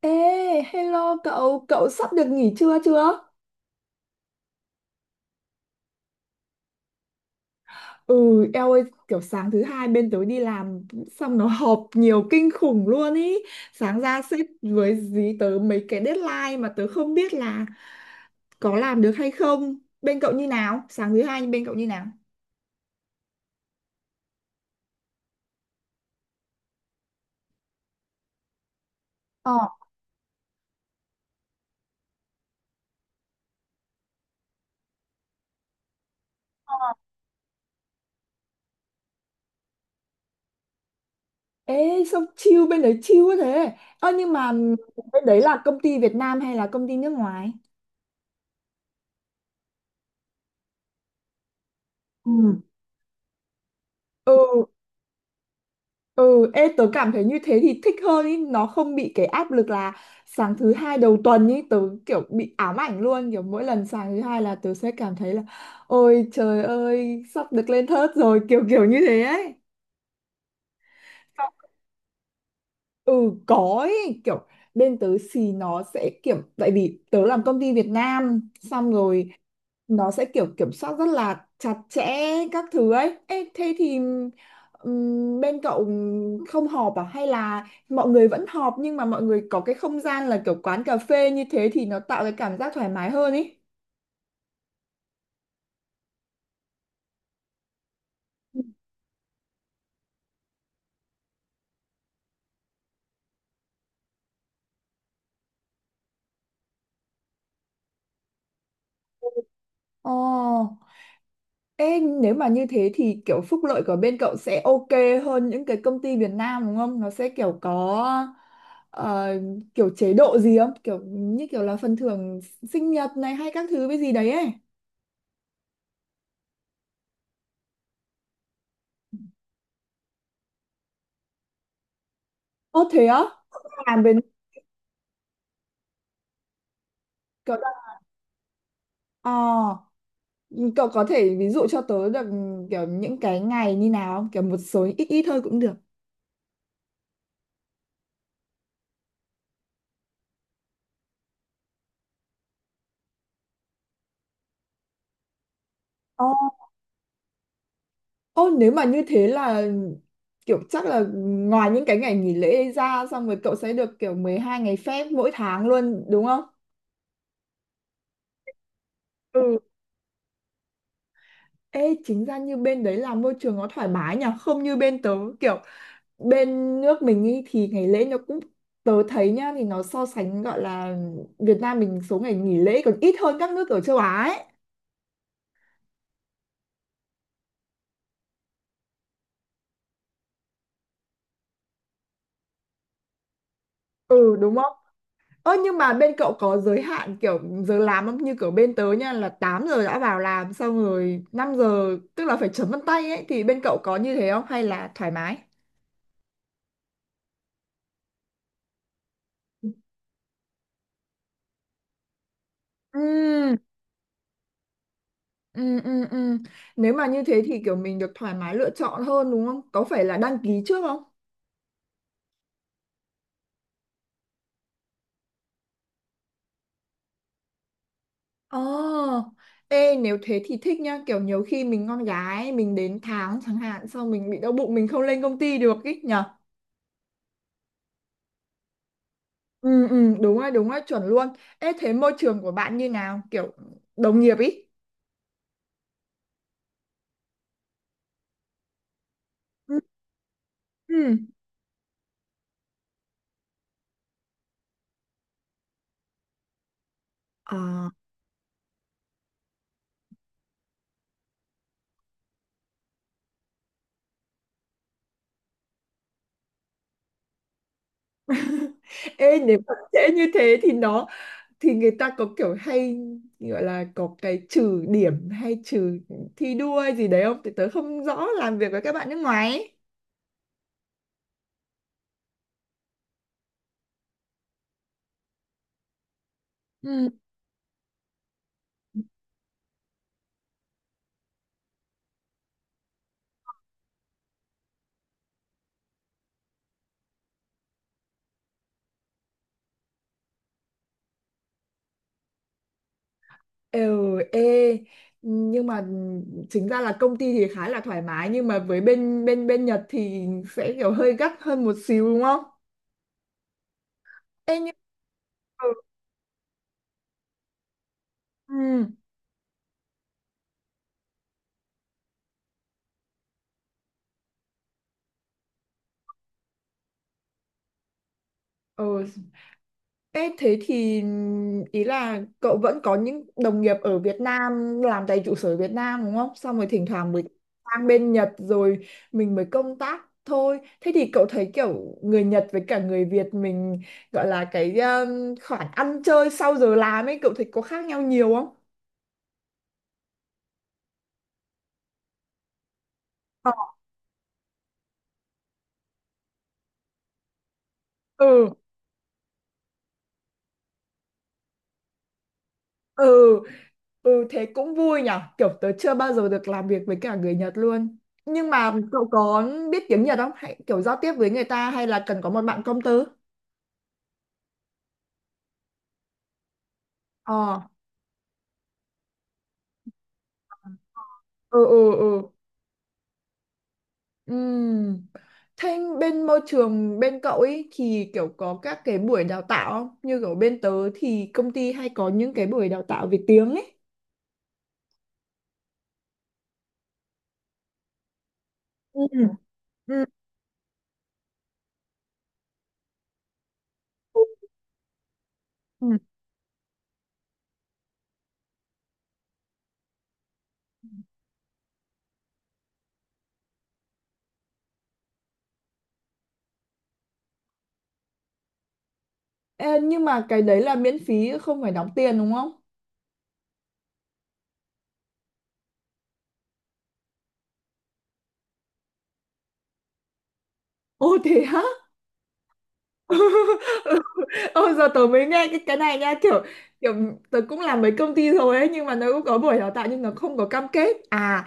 Ê, hello cậu, cậu sắp được nghỉ trưa chưa? Ừ, eo ơi, kiểu sáng thứ hai bên tớ đi làm xong nó họp nhiều kinh khủng luôn ý. Sáng ra sếp với dí tớ mấy cái deadline mà tớ không biết là có làm được hay không. Bên cậu như nào? Sáng thứ hai bên cậu như nào? Ờ. Ê, sao chill bên đấy chill quá thế? Ơ nhưng mà bên đấy là công ty Việt Nam hay là công ty nước ngoài? Ừ. Ừ, ừ, ê, tớ cảm thấy như thế thì thích hơn ý, nó không bị cái áp lực là sáng thứ hai đầu tuần ý, tớ kiểu bị ám ảnh luôn, kiểu mỗi lần sáng thứ hai là tớ sẽ cảm thấy là ôi trời ơi, sắp được lên thớt rồi, kiểu kiểu như thế ấy. Ừ, có ý, kiểu bên tớ thì nó sẽ kiểu, tại vì tớ làm công ty Việt Nam, xong rồi nó sẽ kiểu kiểm soát rất là chặt chẽ các thứ ấy. Ê, thế thì bên cậu không họp à, hay là mọi người vẫn họp nhưng mà mọi người có cái không gian là kiểu quán cà phê như thế thì nó tạo cái cảm giác thoải mái hơn ý. Ồ, ê nếu mà như thế thì kiểu phúc lợi của bên cậu sẽ ok hơn những cái công ty Việt Nam đúng không? Nó sẽ kiểu có ờ, kiểu chế độ gì không? Kiểu như kiểu là phần thưởng sinh nhật này hay các thứ với gì đấy ấy. Ô thế á? Làm bên. Ờ, cậu có thể ví dụ cho tớ được kiểu những cái ngày như nào không? Kiểu một số ít ít thôi cũng được. Ồ, ô, nếu mà như thế là kiểu chắc là ngoài những cái ngày nghỉ lễ ra xong rồi cậu sẽ được kiểu 12 ngày phép mỗi tháng luôn đúng không? Ừ. Ê, chính ra như bên đấy là môi trường nó thoải mái nhỉ, không như bên tớ kiểu bên nước mình ý thì ngày lễ nó cũng, tớ thấy nhá thì nó so sánh gọi là Việt Nam mình số ngày nghỉ lễ còn ít hơn các nước ở châu Á ấy. Ừ đúng không? Ơ nhưng mà bên cậu có giới hạn kiểu giờ làm không? Như kiểu bên tớ nha là 8 giờ đã vào làm, xong rồi 5 giờ tức là phải chấm vân tay ấy, thì bên cậu có như thế không hay là thoải mái? Ừ, ừ, ừ, ừ. Nếu mà như thế thì kiểu mình được thoải mái lựa chọn hơn đúng không? Có phải là đăng ký trước không? Ồ, ê nếu thế thì thích nhá, kiểu nhiều khi mình con gái mình đến tháng chẳng hạn xong mình bị đau bụng mình không lên công ty được ý nhỉ? Ừ, ừ, đúng rồi, chuẩn luôn. Ê, thế môi trường của bạn như nào? Kiểu đồng nghiệp ý. Ừ. Ừ. Ờ. Ê, nếu mà trễ như thế thì nó, thì người ta có kiểu hay gọi là có cái trừ điểm hay trừ thi đua hay gì đấy không? Thì tớ không rõ làm việc với các bạn nước ngoài ấy. Ừ. Ừ, ê, nhưng mà chính ra là công ty thì khá là thoải mái, nhưng mà với bên bên bên Nhật thì sẽ kiểu hơi gắt hơn một xíu đúng không? Ê, nhưng. Ừ. Ừ. Ê, thế thì ý là cậu vẫn có những đồng nghiệp ở Việt Nam làm tại trụ sở Việt Nam đúng không? Xong rồi thỉnh thoảng mới sang bên Nhật rồi mình mới công tác thôi. Thế thì cậu thấy kiểu người Nhật với cả người Việt mình gọi là cái khoản ăn chơi sau giờ làm ấy, cậu thấy có khác nhau nhiều không? Ờ. Ừ, ừ, ừ, thế cũng vui nhở. Kiểu tớ chưa bao giờ được làm việc với cả người Nhật luôn. Nhưng mà cậu có biết tiếng Nhật không? Hay kiểu giao tiếp với người ta hay là cần có một bạn công tớ? Ờ. Ừ, ừ, ừ. Ừm. Thế bên môi trường bên cậu ấy thì kiểu có các cái buổi đào tạo không? Như kiểu bên tớ thì công ty hay có những cái buổi đào tạo về tiếng ấy. Ừ. Ừ. Ừ. Ê, nhưng mà cái đấy là miễn phí, không phải đóng tiền đúng không? Ồ thế hả? Ôi giờ tớ mới nghe cái này nha, kiểu kiểu tớ cũng làm mấy công ty rồi ấy, nhưng mà nó cũng có buổi đào tạo nhưng nó không có cam kết à.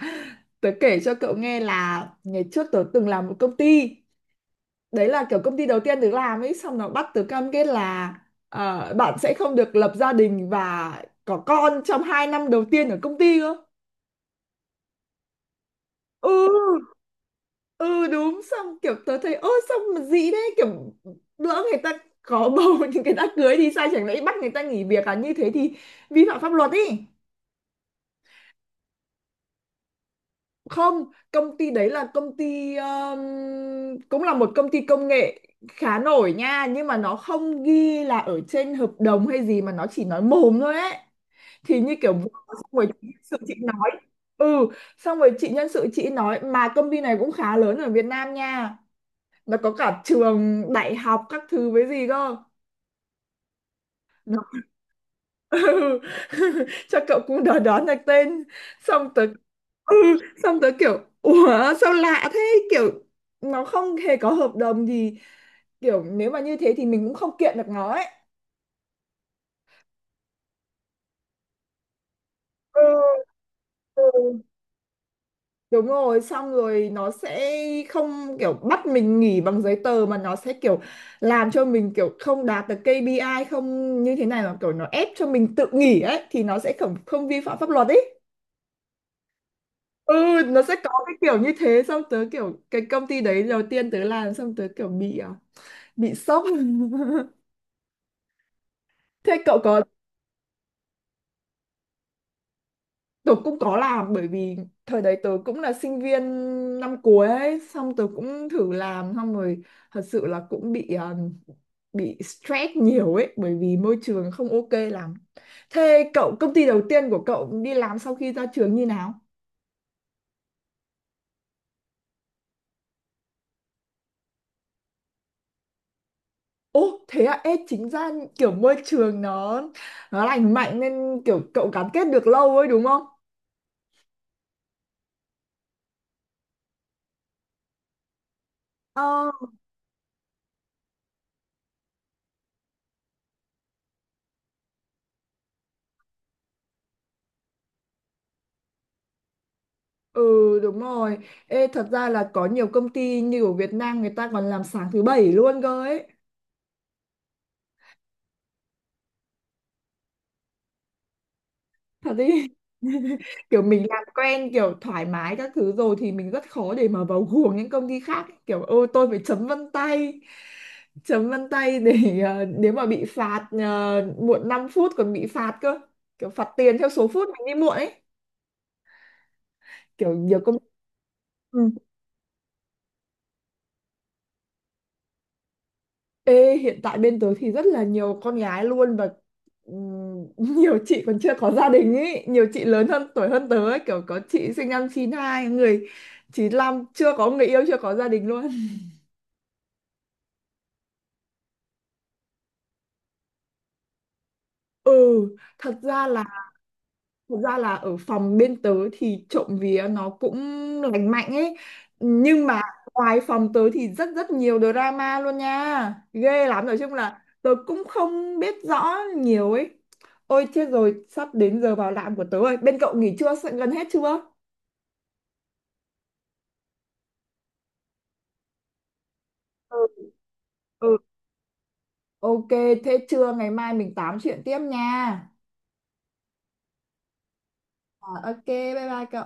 Tớ kể cho cậu nghe là ngày trước tớ từng làm một công ty, đấy là kiểu công ty đầu tiên tớ làm ấy, xong nó bắt tớ cam kết là bạn sẽ không được lập gia đình và có con trong 2 năm đầu tiên ở công ty cơ. Ừ, ừ, đúng. Xong kiểu tớ thấy ơ, xong mà gì đấy kiểu lỡ người ta có bầu thì người ta cưới thì sao, chẳng lẽ bắt người ta nghỉ việc à, như thế thì vi phạm pháp luật ý. Không. Công ty đấy là công ty cũng là một công ty công nghệ khá nổi nha, nhưng mà nó không ghi là ở trên hợp đồng hay gì mà nó chỉ nói mồm thôi ấy, thì như kiểu vừa xong rồi chị nhân sự chị nói. Ừ, xong rồi chị nhân sự chị nói mà công ty này cũng khá lớn ở Việt Nam nha, nó có cả trường đại học các thứ với gì cơ. Nó- ừ. Cho cậu cũng đoán đoán được tên, xong tớ. Ừ. Xong tớ kiểu ủa, sao lạ thế, kiểu nó không hề có hợp đồng gì, kiểu nếu mà như thế thì mình cũng không kiện được nó ấy. Ừ. Đúng rồi, xong rồi nó sẽ không kiểu bắt mình nghỉ bằng giấy tờ mà nó sẽ kiểu làm cho mình kiểu không đạt được KPI, không như thế này, mà kiểu nó ép cho mình tự nghỉ ấy thì nó sẽ không không vi phạm pháp luật ấy. Ừ, nó sẽ có cái kiểu như thế, xong tớ kiểu cái công ty đấy đầu tiên tớ làm, xong tớ kiểu bị sốc. Thế cậu có. Tớ cũng có làm bởi vì thời đấy tớ cũng là sinh viên năm cuối ấy, xong tớ cũng thử làm, xong rồi thật sự là cũng bị stress nhiều ấy bởi vì môi trường không ok lắm. Thế cậu, công ty đầu tiên của cậu đi làm sau khi ra trường như nào? Ồ thế à, ê chính ra kiểu môi trường nó lành mạnh nên kiểu cậu gắn kết được lâu ấy đúng không? Ờ, ừ, đúng rồi. Ê, thật ra là có nhiều công ty như ở Việt Nam người ta còn làm sáng thứ bảy luôn cơ ấy, thật đi. Kiểu mình làm quen kiểu thoải mái các thứ rồi thì mình rất khó để mà vào guồng những công ty khác ấy. Kiểu ôi tôi phải chấm vân tay để nếu mà bị phạt muộn 5 phút còn bị phạt cơ, kiểu phạt tiền theo số phút mình đi muộn ấy, kiểu nhiều công. Ừ. Ê, hiện tại bên tớ thì rất là nhiều con gái luôn và nhiều chị còn chưa có gia đình ấy, nhiều chị lớn hơn tuổi hơn tớ ấy, kiểu có chị sinh năm 92, người 95, chưa có người yêu, chưa có gia đình luôn. Ừ, thật ra là Thật ra là ở phòng bên tớ thì trộm vía nó cũng lành mạnh ấy. Nhưng mà ngoài phòng tớ thì rất rất nhiều drama luôn nha. Ghê lắm. Nói chung là tớ cũng không biết rõ nhiều ấy. Ôi chết rồi, sắp đến giờ vào làm của tớ rồi. Bên cậu nghỉ trưa gần hết chưa? Ừ. Ừ. Ok, thế trưa ngày mai mình tám chuyện tiếp nha. À, ok, bye bye cậu.